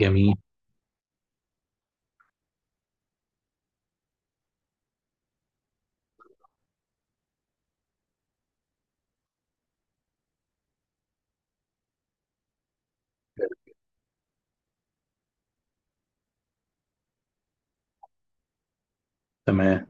جميل. تمام.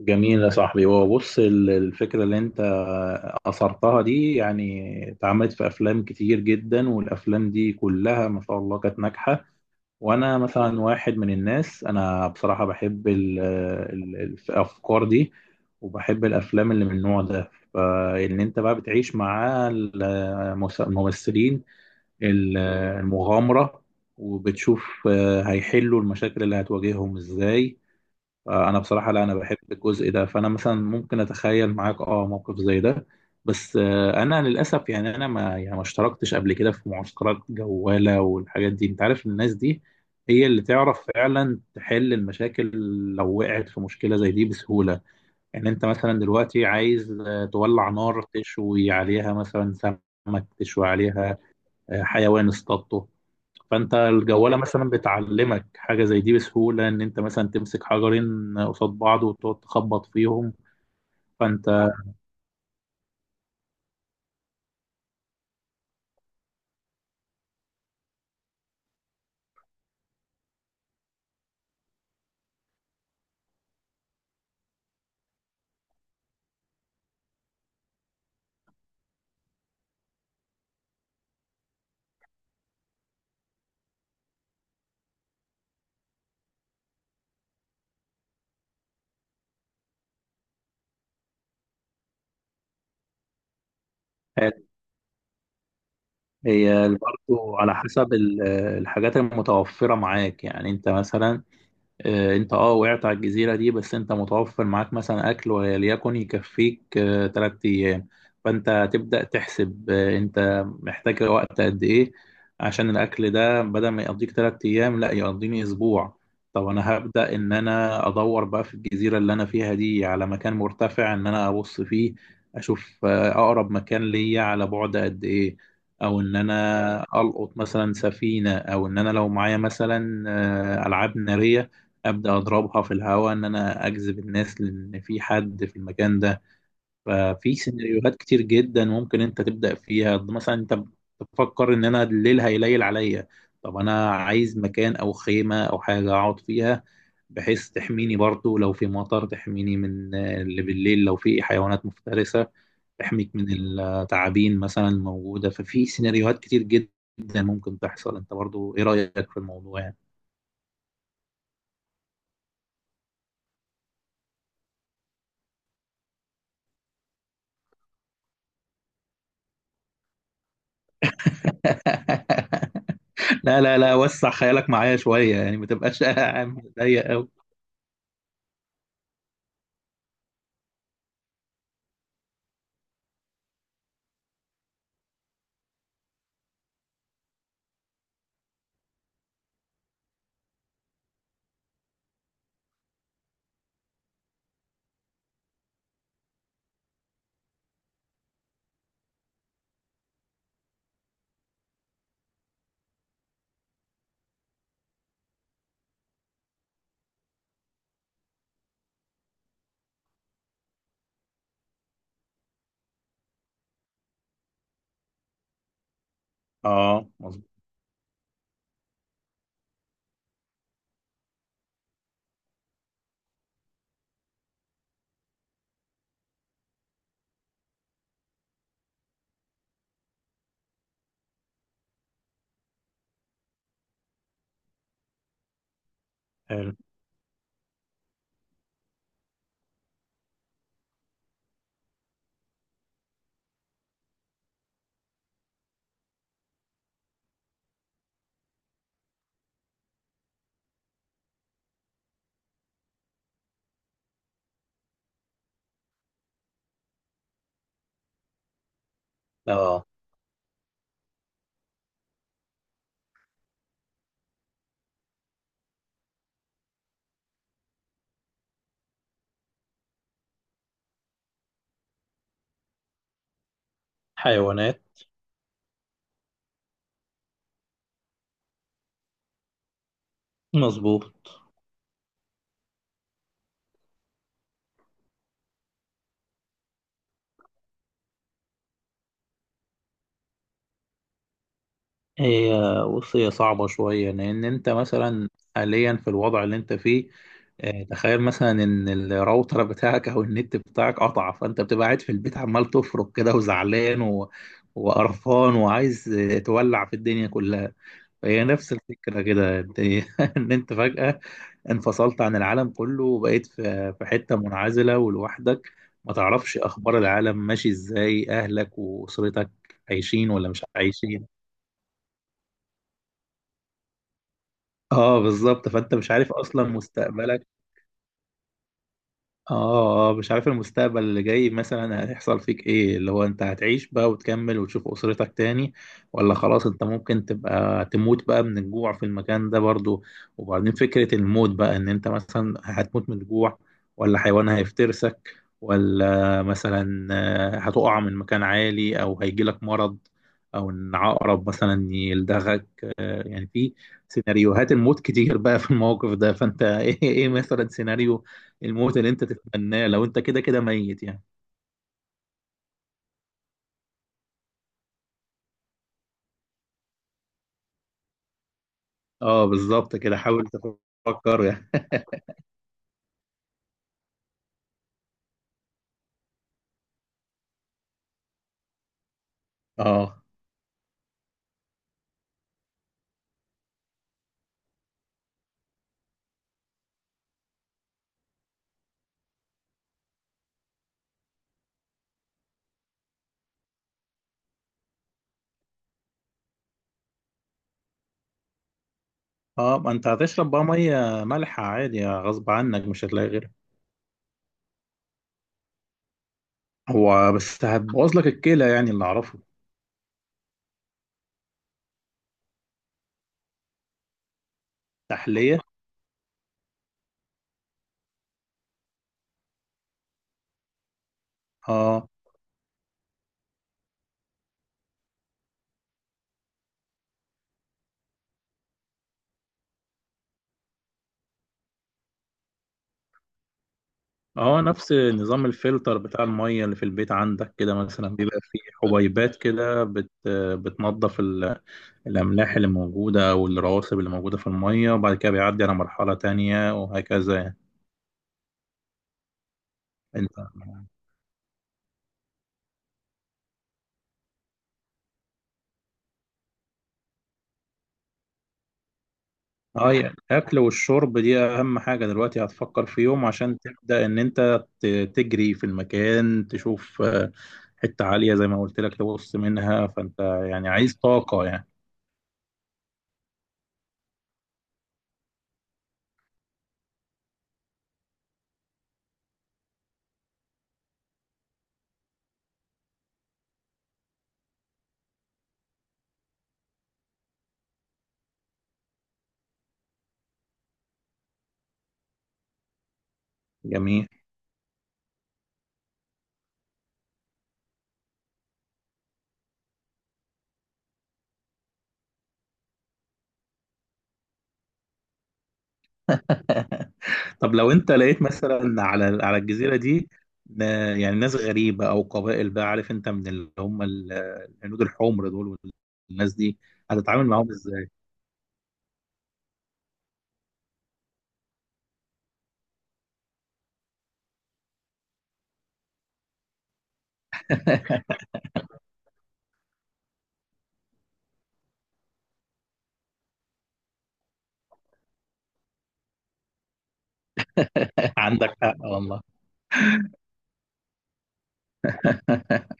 جميل يا صاحبي، هو بص الفكرة اللي انت أثرتها دي يعني اتعملت في أفلام كتير جدا، والأفلام دي كلها ما شاء الله كانت ناجحة. وأنا مثلا واحد من الناس، أنا بصراحة بحب الأفكار دي وبحب الأفلام اللي من النوع ده، فإن أنت بقى بتعيش مع الممثلين، ال- المغامرة، وبتشوف هيحلوا المشاكل اللي هتواجههم ازاي. انا بصراحه، لا، انا بحب الجزء ده، فانا مثلا ممكن اتخيل معاك موقف زي ده. بس انا للاسف، يعني انا ما اشتركتش قبل كده في معسكرات جواله والحاجات دي، انت عارف الناس دي هي اللي تعرف فعلا تحل المشاكل لو وقعت في مشكله زي دي بسهوله. يعني انت مثلا دلوقتي عايز تولع نار، تشوي عليها مثلا سمك، تشوي عليها حيوان اصطادته. فانت الجواله مثلا بتعلمك حاجه زي دي بسهوله، ان انت مثلا تمسك حجرين قصاد بعض وتقعد تخبط فيهم. فانت هي برضه على حسب الحاجات المتوفره معاك. يعني انت مثلا آه، انت اه وقعت على الجزيرة دي، بس انت متوفر معاك مثلا اكل وليكن يكفيك تلات ايام، فانت تبدأ تحسب انت محتاج وقت قد ايه، عشان الاكل ده بدل ما يقضيك تلات ايام لا يقضيني اسبوع. طب انا هبدأ ان انا ادور بقى في الجزيرة اللي انا فيها دي على مكان مرتفع ان انا ابص فيه، اشوف اقرب مكان ليا على بعد قد ايه، او ان انا القط مثلا سفينة، او ان انا لو معايا مثلا العاب نارية ابدا اضربها في الهواء ان انا اجذب الناس لان في حد في المكان ده. ففي سيناريوهات كتير جدا ممكن انت تبدا فيها، مثلا انت بتفكر ان انا الليل هيليل عليا، طب انا عايز مكان او خيمه او حاجه اقعد فيها بحيث تحميني برضو لو في مطر، تحميني من اللي بالليل لو في حيوانات مفترسه، تحميك من التعابين مثلا الموجوده. ففي سيناريوهات كتير جدا ممكن تحصل. انت برضو ايه رايك في الموضوع يعني؟ لا، لا، لا، وسع خيالك معايا شوية يعني، ما تبقاش عامل ضيق أوي. اه، مظبوط. حلو. اه. حيوانات. مظبوط. هي بص، هي صعبة شوية لأن أنت مثلا حاليا في الوضع اللي أنت فيه. تخيل مثلا إن الراوتر بتاعك أو النت بتاعك قطع، فأنت بتبقى قاعد في البيت عمال تفرك كده وزعلان وقرفان وعايز تولع في الدنيا كلها. فهي نفس الفكرة كده، أنت إن أنت فجأة انفصلت عن العالم كله وبقيت في حتة منعزلة ولوحدك، ما تعرفش أخبار العالم ماشي إزاي، أهلك وأسرتك عايشين ولا مش عايشين. اه، بالظبط، فأنت مش عارف أصلا مستقبلك. اه، مش عارف المستقبل اللي جاي مثلا هيحصل فيك ايه، اللي هو انت هتعيش بقى وتكمل وتشوف اسرتك تاني، ولا خلاص انت ممكن تبقى تموت بقى من الجوع في المكان ده برضو. وبعدين فكرة الموت بقى ان انت مثلا هتموت من الجوع، ولا حيوان هيفترسك، ولا مثلا هتقع من مكان عالي، او هيجيلك مرض، او ان عقرب مثلا يلدغك. يعني في سيناريوهات الموت كتير بقى في الموقف ده. فانت ايه مثلا سيناريو الموت اللي انت تتمناه لو انت كده كده ميت يعني؟ اه، بالظبط كده، حاول تفكر يعني اه، اه، ما انت هتشرب بقى ميه مالحه عادي غصب عنك، مش هتلاقي غيرها. هو بس هتبوظ لك الكلى يعني اللي اعرفه. تحليه. اه، اه، نفس نظام الفلتر بتاع الميه اللي في البيت عندك كده، مثلا بيبقى فيه حبيبات كده بتنظف الاملاح اللي موجوده والرواسب اللي موجوده في الميه، وبعد كده بيعدي على مرحله تانية وهكذا يعني. انت اه يعني الاكل والشرب دي اهم حاجه دلوقتي، هتفكر في يوم عشان تبدا ان انت تجري في المكان، تشوف حته عاليه زي ما قلت لك تبص منها، فانت يعني عايز طاقه يعني. جميل. طب لو انت لقيت مثلا على الجزيره دي ن- يعني ناس غريبه او قبائل، بقى عارف انت من اللي هم الهنود الحمر دول، والناس دي هتتعامل معاهم ازاي؟ عندك حق والله.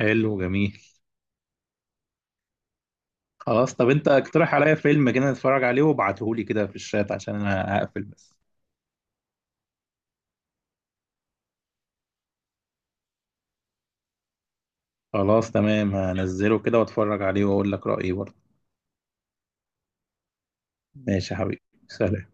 حلو، جميل. خلاص، طب انت اقترح عليا فيلم كده نتفرج عليه وابعتهولي كده في الشات عشان انا هقفل بس. خلاص تمام، هنزله كده واتفرج عليه واقول لك رأيي برضه. ماشي يا حبيبي. سلام.